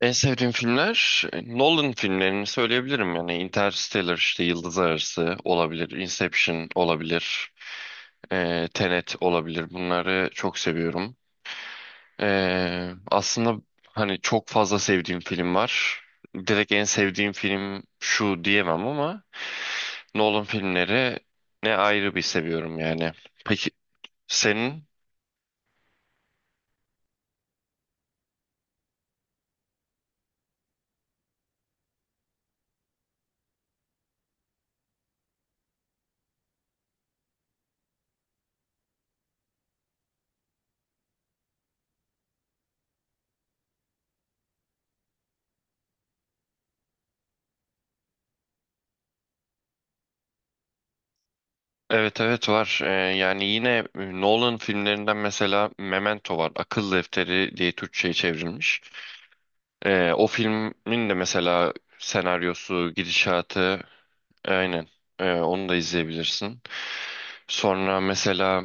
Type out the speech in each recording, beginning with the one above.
En sevdiğim filmler Nolan filmlerini söyleyebilirim. Yani Interstellar işte Yıldız Arası olabilir, Inception olabilir, Tenet olabilir. Bunları çok seviyorum. Aslında hani çok fazla sevdiğim film var. Direkt en sevdiğim film şu diyemem ama Nolan filmleri ne ayrı bir seviyorum yani. Peki senin? Evet evet, var. Yani yine Nolan filmlerinden mesela Memento var. Akıl Defteri diye Türkçe'ye çevrilmiş. O filmin de mesela senaryosu, gidişatı aynen. Onu da izleyebilirsin. Sonra mesela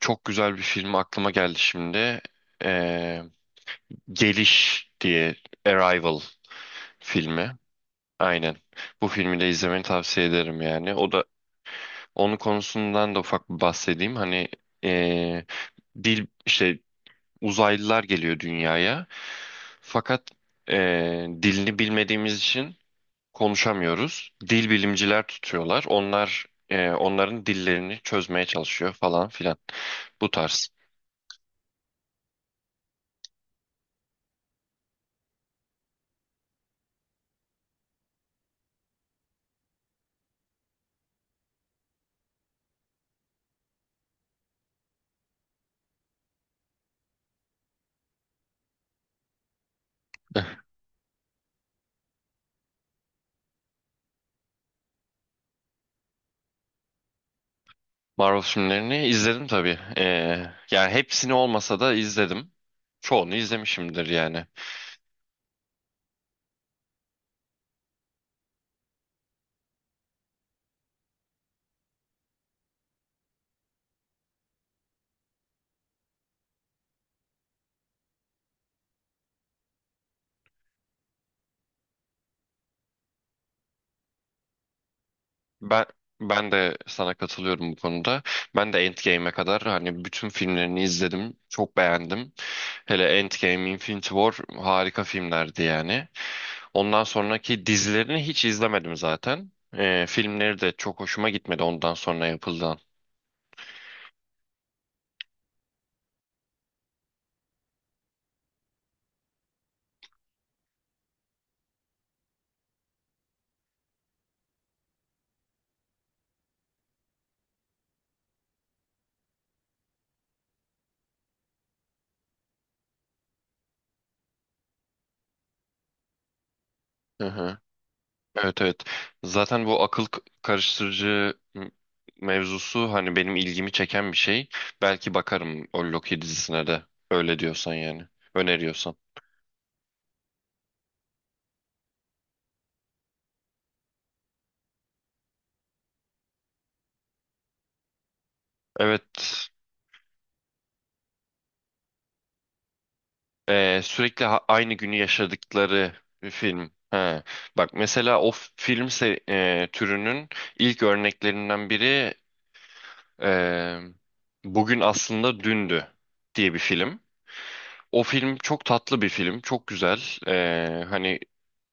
çok güzel bir film aklıma geldi şimdi. Ee, Geliş diye, Arrival filmi. Aynen. Bu filmi de izlemeni tavsiye ederim yani. O da, onun konusundan da ufak bir bahsedeyim. Hani ee, dil işte, uzaylılar geliyor dünyaya. Fakat dilini bilmediğimiz için konuşamıyoruz. Dil bilimciler tutuyorlar. Onlar onların dillerini çözmeye çalışıyor falan filan. Bu tarz. Eh, Marvel filmlerini izledim tabii. Yani hepsini olmasa da izledim. Çoğunu izlemişimdir yani. Ben ben de sana katılıyorum bu konuda. Ben de Endgame'e kadar hani bütün filmlerini izledim. Çok beğendim. Hele Endgame, Infinity War harika filmlerdi yani. Ondan sonraki dizilerini hiç izlemedim zaten. Filmleri de çok hoşuma gitmedi ondan sonra yapılan. Hı hı. Evet evet. Zaten bu karıştırıcı mevzusu hani benim ilgimi çeken bir şey. Belki bakarım o Loki dizisine de. Öyle diyorsan yani. Öneriyorsan. Evet. Sürekli aynı günü yaşadıkları bir film. Ha. Bak mesela o f- film se- e, türünün ilk örneklerinden biri, e, Bugün Aslında Dündü diye bir film. O film çok tatlı bir film, çok güzel. Hani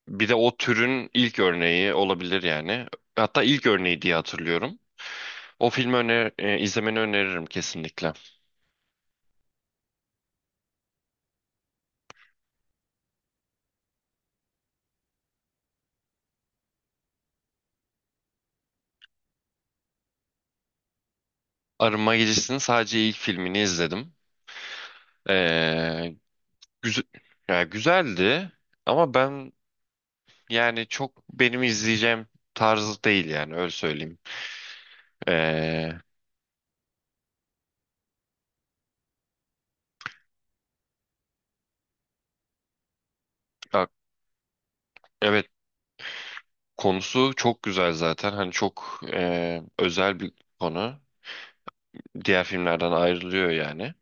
bir de o türün ilk örneği olabilir yani. Hatta ilk örneği diye hatırlıyorum. O filmi izlemeni öneririm kesinlikle. Arınma Gecesi'nin sadece ilk filmini izledim. Ee, Güzel, ya güzeldi ama ben yani çok benim izleyeceğim tarzı değil yani, öyle söyleyeyim. Ee, ya- evet, konusu çok güzel zaten. Hani çok özel bir konu. Diğer filmlerden ayrılıyor yani.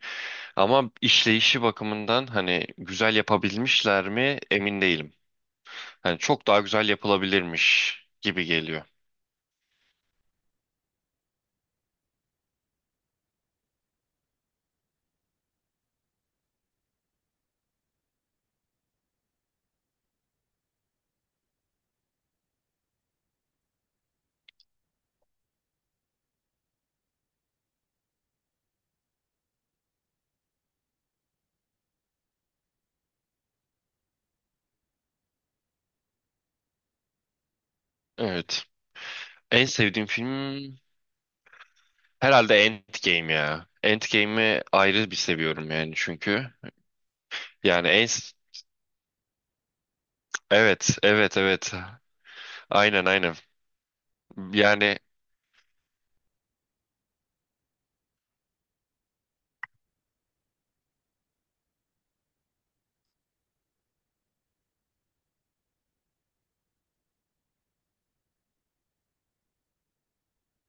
Ama işleyişi bakımından hani güzel yapabilmişler mi emin değilim. Hani çok daha güzel yapılabilirmiş gibi geliyor. Evet. En sevdiğim film herhalde Endgame ya. Endgame'i ayrı bir seviyorum yani, çünkü. Yani en, evet evet evet, aynen aynen. Yani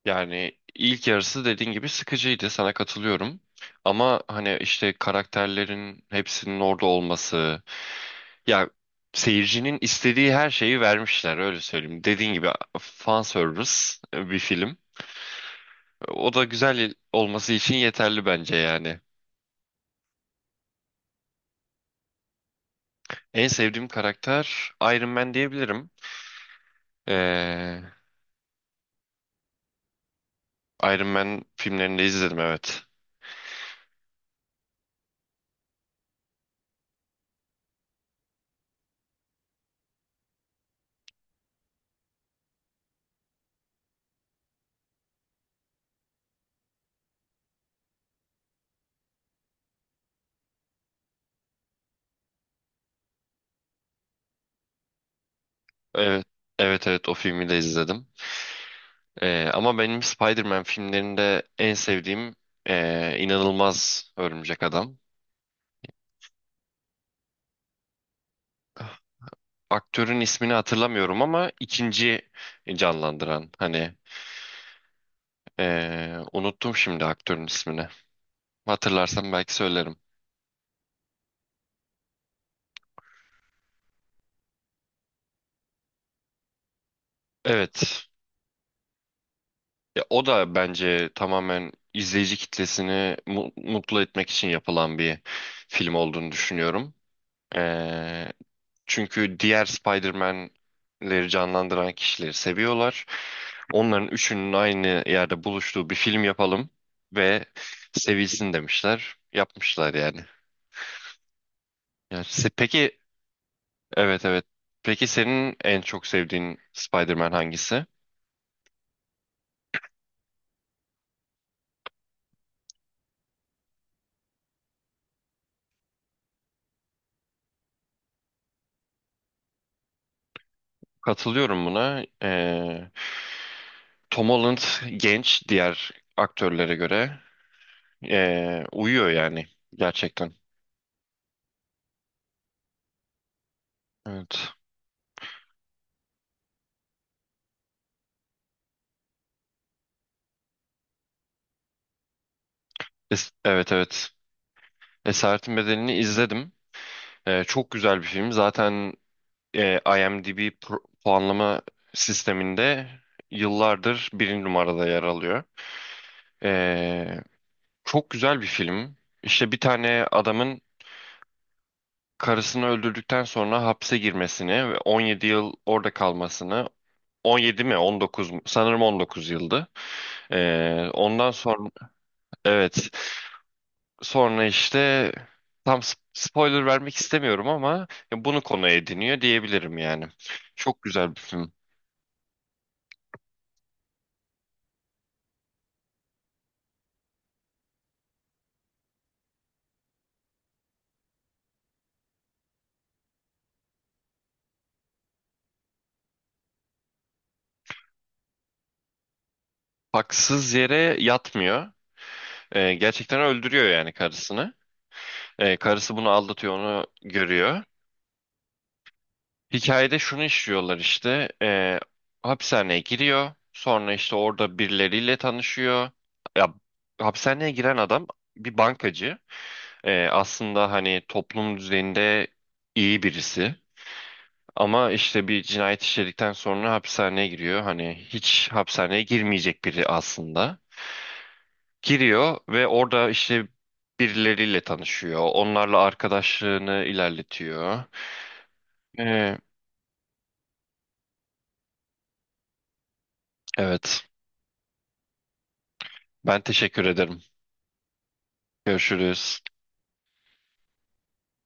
yani ilk yarısı dediğin gibi sıkıcıydı, sana katılıyorum ama hani işte karakterlerin hepsinin orada olması ya, seyircinin istediği her şeyi vermişler, öyle söyleyeyim. Dediğin gibi fan service bir film. O da güzel olması için yeterli bence yani. En sevdiğim karakter Iron Man diyebilirim. ee, Iron Man filmlerini de izledim, evet. Evet, evet evet, o filmi de izledim. Ama benim Spider-Man filmlerinde en sevdiğim inanılmaz Örümcek Adam. Aktörün ismini hatırlamıyorum ama ikinci canlandıran hani, unuttum şimdi aktörün ismini. Hatırlarsam belki söylerim. Evet. Ya, o da bence tamamen izleyici kitlesini mutlu etmek için yapılan bir film olduğunu düşünüyorum. Ee, Çünkü diğer Spider-Man'leri canlandıran kişileri seviyorlar. Onların üçünün aynı yerde buluştuğu bir film yapalım ve sevilsin demişler. Yapmışlar yani. Peki, evet evet. Peki senin en çok sevdiğin Spider-Man hangisi? Katılıyorum buna. Tom Holland genç, diğer aktörlere göre uyuyor yani gerçekten. Evet. Evet evet. Esaretin Bedeli'ni izledim. Çok güzel bir film. Zaten IMDb puanlama sisteminde yıllardır birinci numarada yer alıyor. Ee, Çok güzel bir film. İşte bir tane adamın karısını öldürdükten sonra hapse girmesini ve 17 yıl orada kalmasını, 17 mi 19 mu? Sanırım 19 yıldı. Ondan sonra, evet, sonra işte, tam spoiler vermek istemiyorum ama bunu konu ediniyor diyebilirim yani. Çok güzel bir film. Haksız yere yatmıyor. Gerçekten öldürüyor yani karısını. Karısı bunu aldatıyor, onu görüyor. Hikayede şunu işliyorlar işte. Hapishaneye giriyor. Sonra işte orada birileriyle tanışıyor. Ya, hapishaneye giren adam bir bankacı. Aslında hani toplum düzeyinde iyi birisi. Ama işte bir cinayet işledikten sonra hapishaneye giriyor. Hani hiç hapishaneye girmeyecek biri aslında. Giriyor ve orada işte birileriyle tanışıyor. Onlarla arkadaşlığını ilerletiyor. Ee, evet. Ben teşekkür ederim. Görüşürüz.